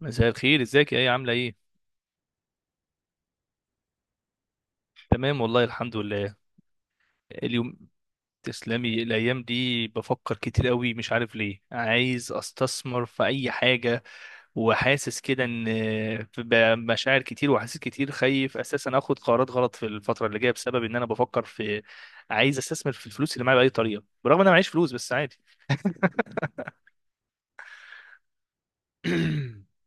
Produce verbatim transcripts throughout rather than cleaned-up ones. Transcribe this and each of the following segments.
مساء الخير، ازيك يا ايه؟ عامله ايه؟ تمام والله، الحمد لله. اليوم... تسلمي. الايام دي بفكر كتير قوي، مش عارف ليه، عايز استثمر في اي حاجه، وحاسس كده ان في مشاعر كتير، وحاسس كتير خايف اساسا اخد قرارات غلط في الفتره اللي جايه، بسبب ان انا بفكر في... عايز استثمر في الفلوس اللي معايا باي طريقه، برغم ان انا معيش فلوس، بس عادي.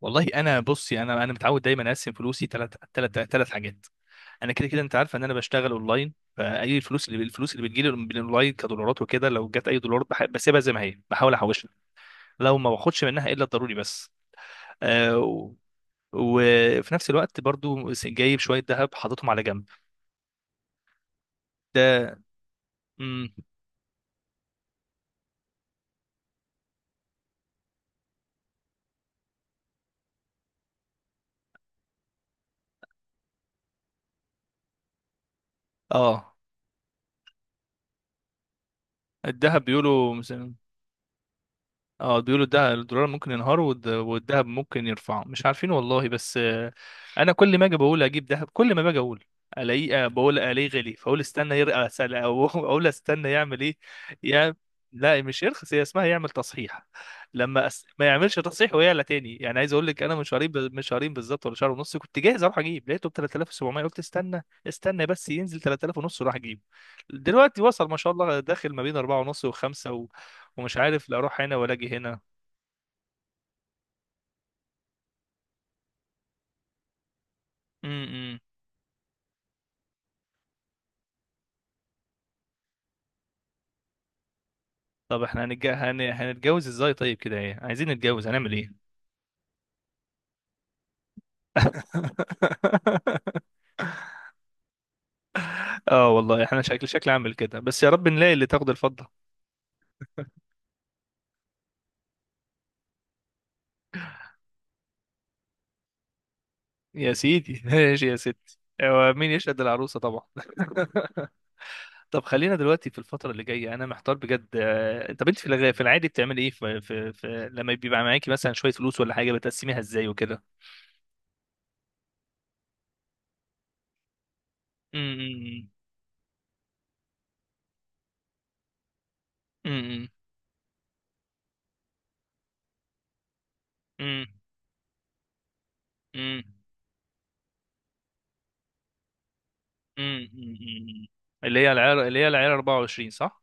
والله انا بصي، انا انا متعود دايما اقسم فلوسي ثلاث ثلاث ثلاث حاجات. انا كده كده انت عارف ان انا بشتغل اونلاين، فاي الفلوس، اللي الفلوس اللي بتجيلي من الاونلاين كدولارات وكده، لو جت اي دولارات بح- بسيبها زي ما هي، بحاول احوشها، لو ما باخدش منها الا الضروري بس. آه و- وفي نفس الوقت برضو جايب شويه ذهب حاططهم على جنب. ده، امم. اه، الذهب بيقولوا. اه، بيقولوا ده الدولار ممكن ينهار، والد- والذهب ممكن يرفعه، مش عارفين والله بس. آه، انا كل ما اجي بقول اجيب ذهب، كل ما باجي اقول الاقيه، آه، بقول الاقيه غالي، فاقول استنى يرقى اسال، او اقول استنى يعمل ايه. يا... لا مش يرخص، هي اسمها يعمل تصحيح. لما أس... ما يعملش تصحيح ويعلى تاني. يعني عايز اقول لك، انا من شهرين، ب... من شهرين بالظبط ولا شهر ونص، كنت جاهز اروح اجيب، لقيته ب تلاتة آلاف وسبعمية، قلت استنى استنى بس ينزل ثلاثة آلاف ونص وراح اجيب. دلوقتي وصل ما شاء الله، داخل ما بين اربعة ونص و5. ومش عارف لا اروح هنا ولا اجي هنا. امم. طب احنا هنتج... هن... هنتجوز ازاي طيب كده؟ ايه، عايزين نتجوز، هنعمل ايه؟ اه والله احنا شكل شكل عامل كده، بس يا رب نلاقي اللي تاخد الفضة. يا سيدي، ماشي يا ستي. هو مين يشهد العروسة طبعا؟ طب خلينا دلوقتي في الفترة اللي جاية، أنا محتار بجد. آه، طب أنت في الغ- في العادي بتعملي إيه في... في... في لما بيبقى معاكي مثلا شوية فلوس ولا حاجة، بتقسميها إزاي وكده؟ أمم. أمم. أمم. أمم. امم. أمم. اللي هي العيار، اللي هي العيار اربعة وعشرين، صح؟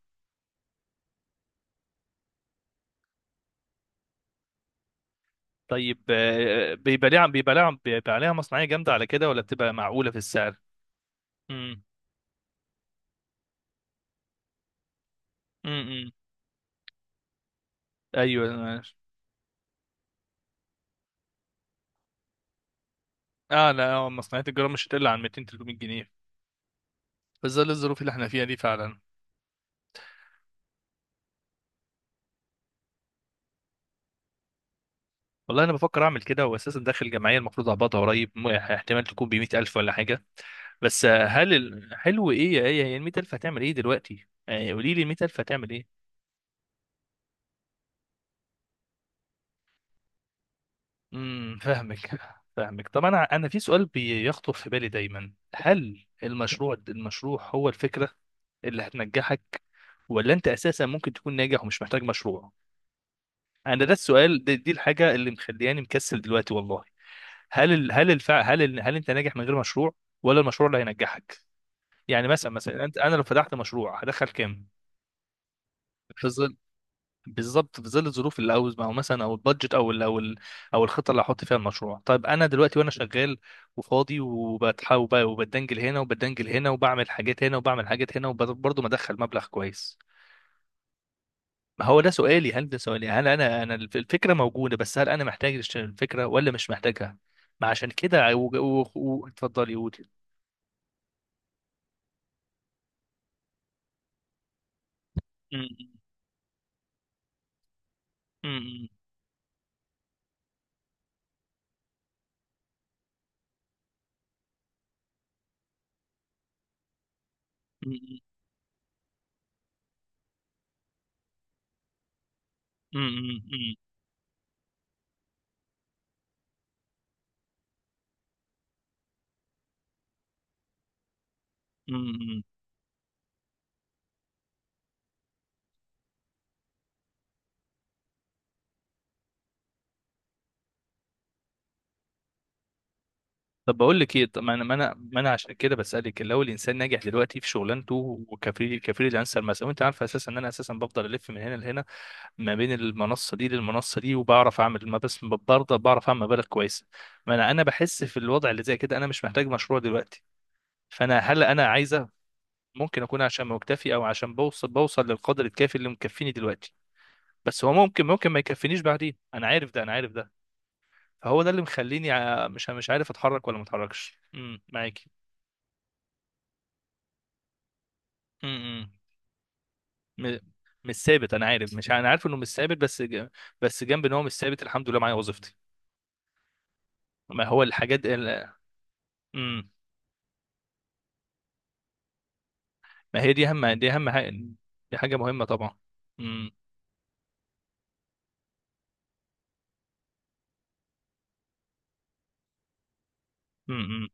طيب، آه، بيبقى ليها بيبقى ليها بيبقى عليها مصنعيه جامده على كده، ولا بتبقى معقوله في السعر؟ امم. امم. ايوه، أنا- عارف. اه لا، آه، مصنعيه الجرام مش هتقل عن مئتين تلتمية جنيه في ظل الظروف اللي احنا فيها دي، فعلا. والله انا بفكر اعمل كده، واساسا داخل جمعيه المفروض اقبضها قريب، م- احتمال تكون ب مئة الف ولا حاجه. بس. آه، هل ال- حلو ايه يا ايه؟ هي ال مية الف هتعمل ايه دلوقتي؟ آه، قولي لي، ال مية الف هتعمل ايه؟ امم، فاهمك. فاهمك. طب انا، انا في سؤال بيخطر في بالي دايما: هل المشروع المشروع هو الفكره اللي هتنجحك، ولا انت اساسا ممكن تكون ناجح ومش محتاج مشروع؟ انا ده السؤال، دي, دي الحاجه اللي مخلياني مكسل دلوقتي والله. هل ال... هل الفع... هل ال... هل انت ناجح من غير مشروع، ولا المشروع اللي هينجحك؟ يعني مثلا، مثلا انت، انا لو فتحت مشروع هدخل كام؟ بالظبط، في ظل الظروف اللي عاوز، او مثلا، او البادجت او ال او ال او الخطه اللي هحط فيها المشروع. طيب انا دلوقتي وانا شغال وفاضي، وبتحاول وب- وبدنجل هنا وبدنجل هنا، وبعمل حاجات هنا وبعمل حاجات هنا، وبرضه مدخل مبلغ كويس. ما هو ده سؤالي، هل ده سؤالي، هل انا، انا الف- الفكره موجوده، بس هل انا محتاج أشتري الفكره ولا مش محتاجها؟ ما عشان كده و- و- و- اتفضلي قولي. م. م. م. م. م. م. م. م. م. طب بقول لك ايه؟ طب ما انا، ما انا ما انا عشان كده بسالك، لو الانسان ناجح دلوقتي في شغلانته وكفري كفريلانسر مثلا، وانت عارفه اساسا ان انا اساسا بفضل الف من هنا لهنا، ما بين المنصه دي للمنصه دي، وبعرف اعمل ما، بس برضه بعرف اعمل مبالغ كويسه. ما انا، انا بحس في الوضع اللي زي كده انا مش محتاج مشروع دلوقتي. فانا، هل انا عايزه؟ ممكن اكون عشان مكتفي، او عشان بوصل، بوصل للقدر الكافي اللي مكفيني دلوقتي. بس هو ممكن، ممكن ما يكفينيش بعدين، انا عارف ده، انا عارف ده. فهو ده اللي مخليني ع- مش، مش عارف اتحرك ولا ما اتحركش. امم، معاكي. إمم، إمم. م- مش ثابت، انا عارف، مش، انا عارف انه مش ثابت، بس ج- بس جنب ان هو مش ثابت، الحمد لله معايا وظيفتي. ما هو الحاجات ال... مم. ما هي دي اهم، دي اهم حاجه. دي حاجه مهمه طبعا. مم. مم.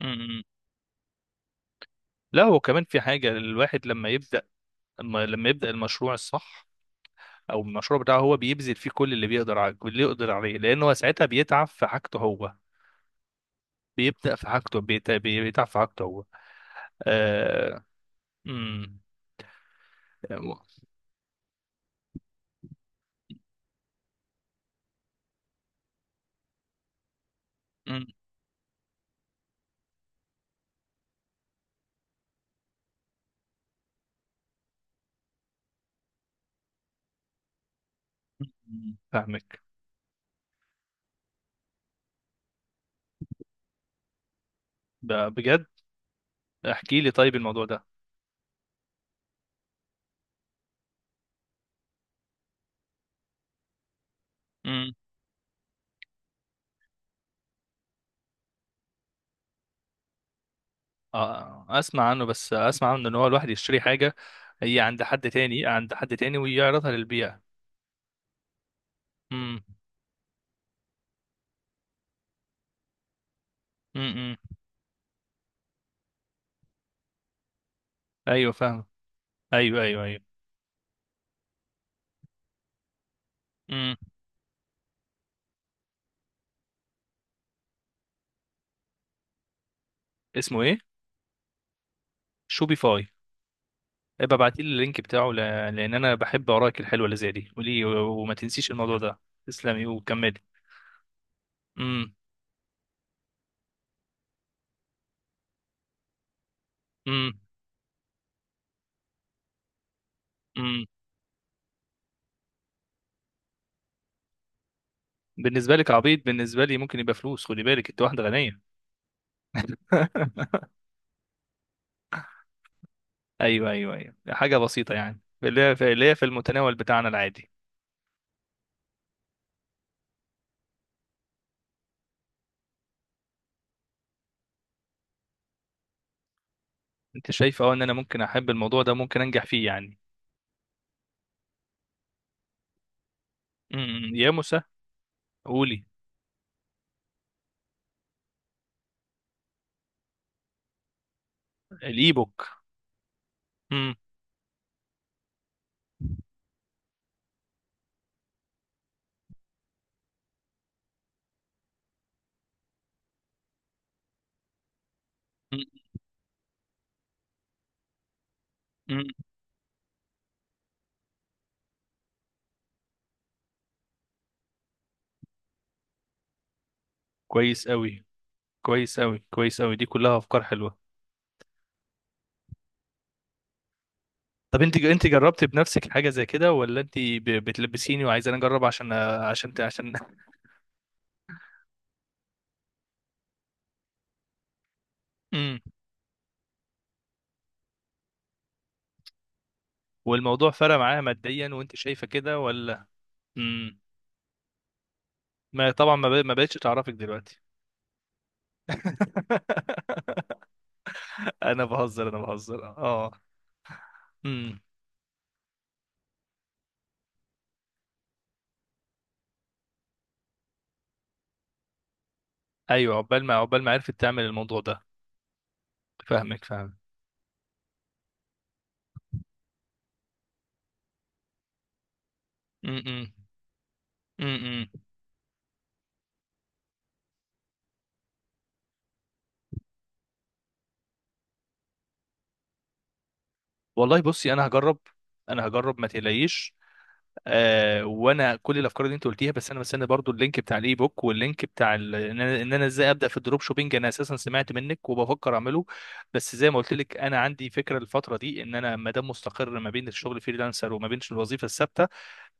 مم. مم. لا هو كمان في حاجه، الواحد لما يبدا، لما لما يبدا المشروع الصح او المشروع بتاعه، هو بيبذل فيه كل اللي بيقدر عليه، اللي يقدر عليه، لانه ساعتها بيتعب في حاجته هو. بيبدا في حاجته، بيت- بيتعب في حاجته هو. آه... مم. مم. مم، فاهمك. ب- بجد؟ احكي لي طيب الموضوع ده. امم. آه، اسمع عنه، بس اسمع عنه ان هو الواحد يشتري حاجه هي عند حد تاني، عند حد تاني، ويعرضها للبيع. امم. امم. ايوه فاهم. ايوه، ايوه، ايوه. امم. اسمه ايه؟ شوبيفاي؟ ابقى ابعت لي اللينك بتاعه ل... لان انا بحب اوراق الحلوه اللي زي دي. قولي، و- وما تنسيش الموضوع ده. تسلمي وكملي. امم. امم. امم. بالنسبه لك عبيط، بالنسبه لي ممكن يبقى فلوس، خدي بالك انت واحده غنيه. ايوه ايوه ايوه، حاجه بسيطه يعني، اللي هي في، اللي هي في المتناول بتاعنا العادي. انت شايف، اه، ان انا ممكن احب الموضوع ده، ممكن انجح فيه يعني؟ امم، يا موسى! قولي. الاي بوك. امم. أمم، أمم. كويس قوي. كويس قوي، كويس قوي، دي كلها افكار حلوه. طب انت، انت جربت بنفسك حاجه زي كده، ولا انت ب- بتلبسيني وعايزه انا اجرب، عشان عشان عشان؟ امم. والموضوع فرق معاها ماديا وانت شايفه كده ولا؟ امم. ما طبعا، ما ب- ما بقتش تعرفك دلوقتي. انا بهزر، انا بهزر، اه. امم. ايوه، عقبال ما، عقبال ما عرفت تعمل الموضوع ده. فاهمك، فاهم. امم. امم. امم، امم. والله بصي، انا هجرب، انا هجرب ما تقلقيش. آه، وانا كل الافكار اللي انت قلتيها، بس انا مستني برضو اللينك بتاع الاي بوك واللينك بتاع ال... ان انا، إن أنا ازاي ابدا في الدروب شوبينج. انا اساسا سمعت منك وبفكر اعمله. بس زي ما قلت لك، انا عندي فكره الفتره دي، ان انا ما دام مستقر ما بين الشغل فريلانسر وما بين الوظيفه الثابته،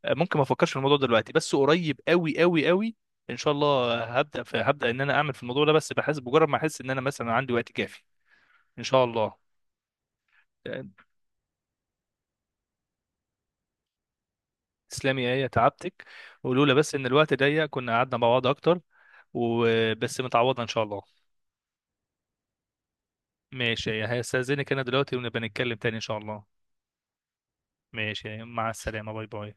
ممكن ما افكرش في الموضوع دلوقتي، بس قريب قوي قوي قوي ان شاء الله، هبدا في هبدا ان انا اعمل في الموضوع ده، بس بحس بمجرد ما احس ان انا مثلا عندي وقت كافي. ان شاء الله. تسلمي يا ايه، تعبتك. ولولا بس ان الوقت ضيق كنا قعدنا مع بعض اكتر. وبس متعوضه ان شاء الله. ماشي يا إيه، هستاذنك انا دلوقتي، ونبقى نتكلم تاني ان شاء الله. ماشي يا إيه، مع السلامه، باي باي.